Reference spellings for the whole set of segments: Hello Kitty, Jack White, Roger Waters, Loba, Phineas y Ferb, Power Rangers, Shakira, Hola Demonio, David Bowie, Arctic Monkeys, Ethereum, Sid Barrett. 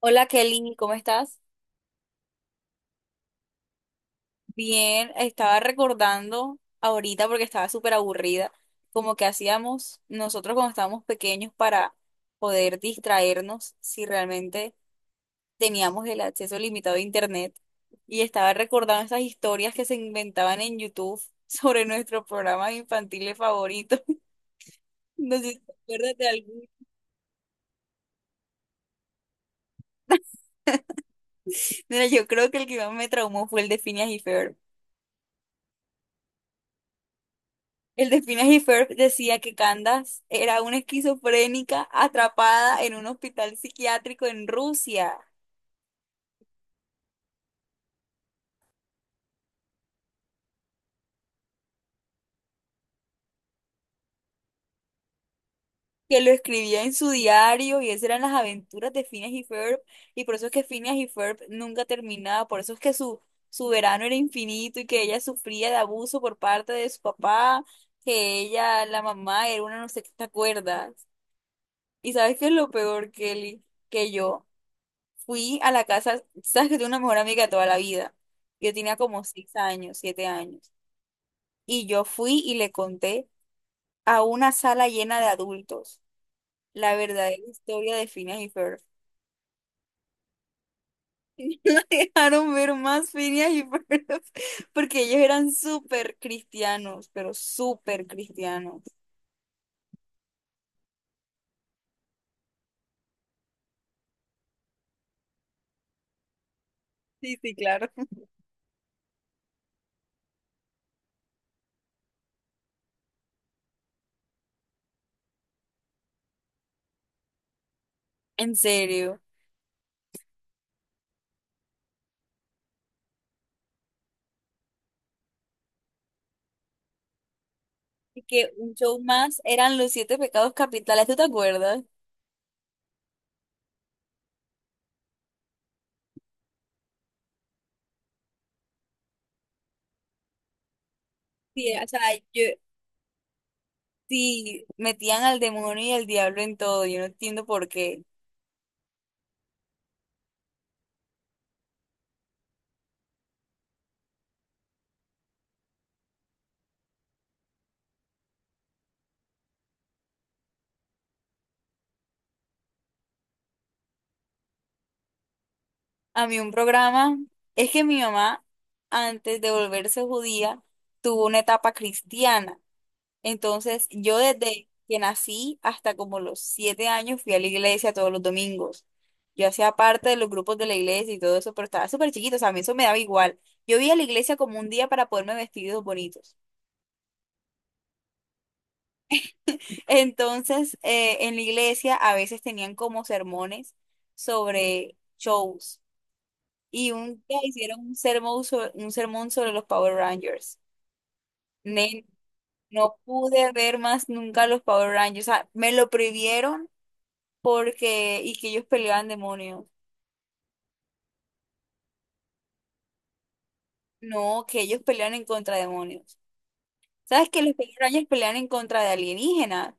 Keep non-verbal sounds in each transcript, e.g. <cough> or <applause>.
Hola Kelly, ¿cómo estás? Bien, estaba recordando ahorita porque estaba súper aburrida, como que hacíamos nosotros cuando estábamos pequeños para poder distraernos si realmente teníamos el acceso limitado a internet. Y estaba recordando esas historias que se inventaban en YouTube <laughs> sobre nuestros programas infantiles favoritos. <laughs> No sé si te acuerdas de alguno. Mira, yo creo que el que más me traumó fue el de Phineas y Ferb. El de Phineas y Ferb decía que Candace era una esquizofrénica atrapada en un hospital psiquiátrico en Rusia, que lo escribía en su diario y esas eran las aventuras de Phineas y Ferb, y por eso es que Phineas y Ferb nunca terminaba, por eso es que su verano era infinito y que ella sufría de abuso por parte de su papá, que ella, la mamá, era una no sé qué, ¿te acuerdas? ¿Y sabes qué es lo peor, Kelly? Que yo. Fui a la casa, sabes que tengo una mejor amiga de toda la vida. Yo tenía como 6 años, 7 años. Y yo fui y le conté a una sala llena de adultos la verdadera historia de Phineas y Ferb. <laughs> Y no dejaron ver más Phineas y Ferb <laughs> porque ellos eran súper cristianos, pero súper cristianos. Sí, sí, claro. En serio. ¿Y que un show más eran los siete pecados capitales, tú te acuerdas? Sí, o sea, yo, sí, metían al demonio y al diablo en todo, yo no entiendo por qué. A mí un programa, es que mi mamá, antes de volverse judía, tuvo una etapa cristiana. Entonces, yo desde que nací hasta como los 7 años fui a la iglesia todos los domingos. Yo hacía parte de los grupos de la iglesia y todo eso, pero estaba súper chiquito, o sea, a mí eso me daba igual. Yo iba a la iglesia como un día para poderme vestir de los bonitos. Entonces, en la iglesia a veces tenían como sermones sobre shows. Y un día hicieron un sermón sobre los Power Rangers. Nen, no pude ver más nunca los Power Rangers. O sea, me lo prohibieron porque, y que ellos peleaban demonios. No, que ellos pelean en contra de demonios. ¿Sabes que los Power Rangers pelean en contra de alienígenas?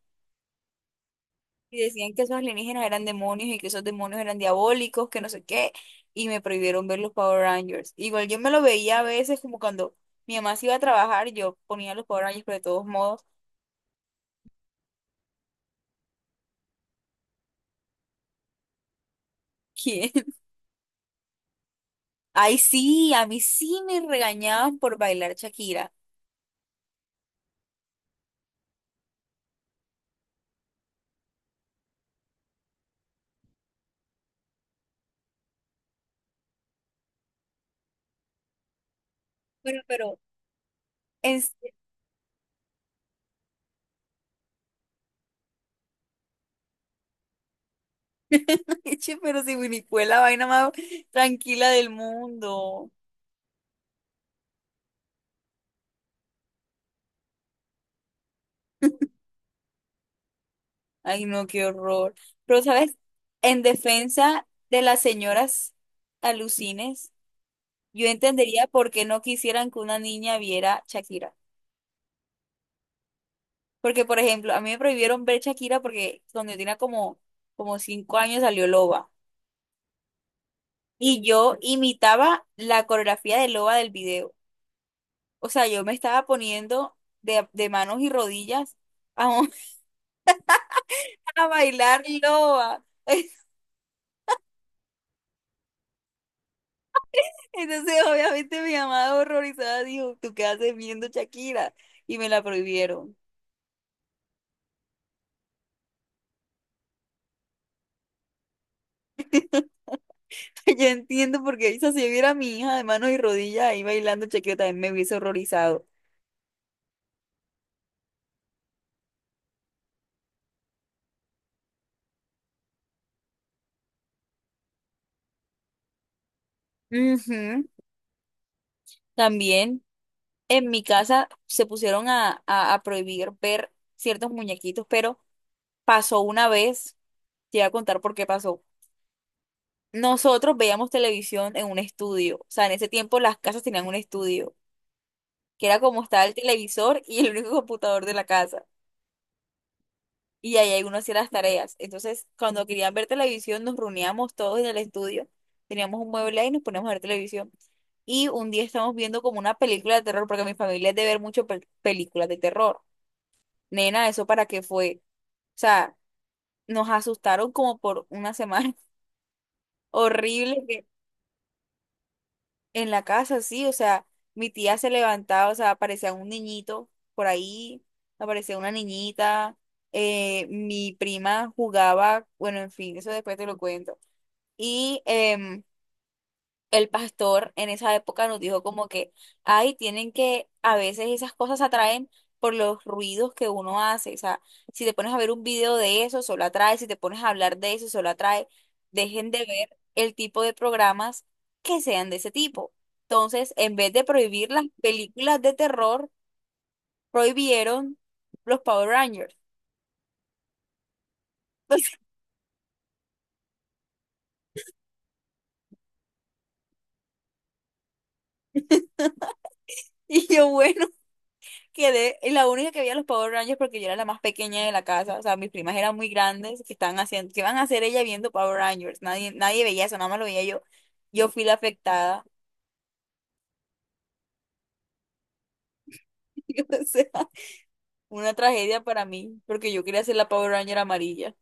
Y decían que esos alienígenas eran demonios y que esos demonios eran diabólicos, que no sé qué, y me prohibieron ver los Power Rangers. Igual yo me lo veía a veces como cuando mi mamá se iba a trabajar, yo ponía los Power Rangers, pero de todos modos, ¿quién? <laughs> Ay, sí, a mí sí me regañaban por bailar Shakira. Pero, en serio, <laughs> che, pero si Winnie fue la vaina más tranquila del mundo. Ay, no, qué horror. Pero, ¿sabes? En defensa de las señoras alucines. Yo entendería por qué no quisieran que una niña viera Shakira. Porque, por ejemplo, a mí me prohibieron ver Shakira porque cuando yo tenía como, como 5 años salió Loba. Y yo imitaba la coreografía de Loba del video. O sea, yo me estaba poniendo de manos y rodillas a, <laughs> a bailar Loba. <laughs> Entonces, obviamente, mi mamá horrorizada dijo, ¿tú qué haces viendo Shakira? Y me la prohibieron. <laughs> Yo entiendo porque Isa, si viera a mi hija de manos y rodillas ahí bailando chequeo, también me hubiese horrorizado. Ujú. También en mi casa se pusieron a prohibir ver ciertos muñequitos, pero pasó una vez, te voy a contar por qué pasó. Nosotros veíamos televisión en un estudio, o sea, en ese tiempo las casas tenían un estudio, que era como estaba el televisor y el único computador de la casa. Y ahí hay uno hacía las tareas. Entonces, cuando querían ver televisión, nos reuníamos todos en el estudio, teníamos un mueble ahí y nos poníamos a ver televisión. Y un día estábamos viendo como una película de terror, porque mi familia es de ver mucho películas de terror. Nena, ¿eso para qué fue? O sea, nos asustaron como por una semana <laughs> horrible que- en la casa, sí, o sea, mi tía se levantaba, o sea, aparecía un niñito por ahí, aparecía una niñita, mi prima jugaba, bueno, en fin, eso después te lo cuento. Y el pastor en esa época nos dijo como que, ay, tienen que, a veces esas cosas atraen por los ruidos que uno hace. O sea, si te pones a ver un video de eso, solo atrae. Si te pones a hablar de eso, solo atrae. Dejen de ver el tipo de programas que sean de ese tipo. Entonces, en vez de prohibir las películas de terror, prohibieron los Power Rangers. <laughs> Y yo, bueno, quedé la única que veía los Power Rangers porque yo era la más pequeña de la casa, o sea, mis primas eran muy grandes, que estaban haciendo, que iban a hacer ella viendo Power Rangers? Nadie, nadie veía eso, nada más lo veía yo. Yo fui la afectada. <laughs> O sea, una tragedia para mí, porque yo quería ser la Power Ranger amarilla.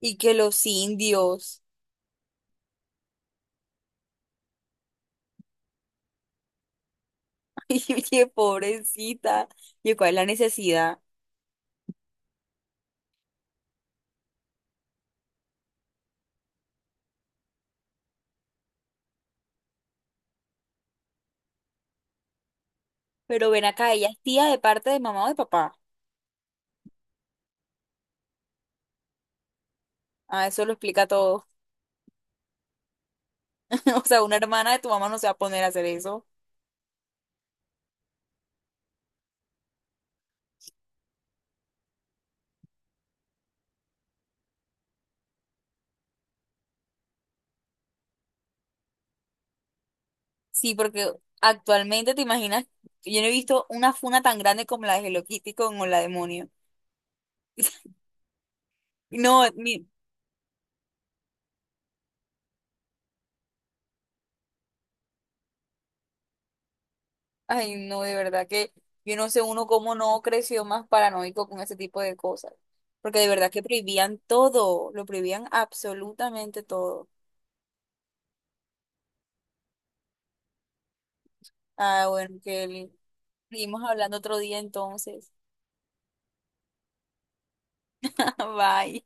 Y que los indios. <laughs> Y oye, pobrecita. Y cuál es la necesidad. Pero ven acá, ella es tía de parte de mamá o de papá. Ah, eso lo explica todo. <laughs> O sea, una hermana de tu mamá no se va a poner a hacer eso. Sí, porque actualmente te imaginas, yo no he visto una funa tan grande como la de Hello Kitty con Hola Demonio. No, ni, ay, no, de verdad que yo no sé uno cómo no creció más paranoico con ese tipo de cosas. Porque de verdad que prohibían todo, lo prohibían absolutamente todo. Ah, bueno, que seguimos hablando otro día entonces. <laughs> Bye.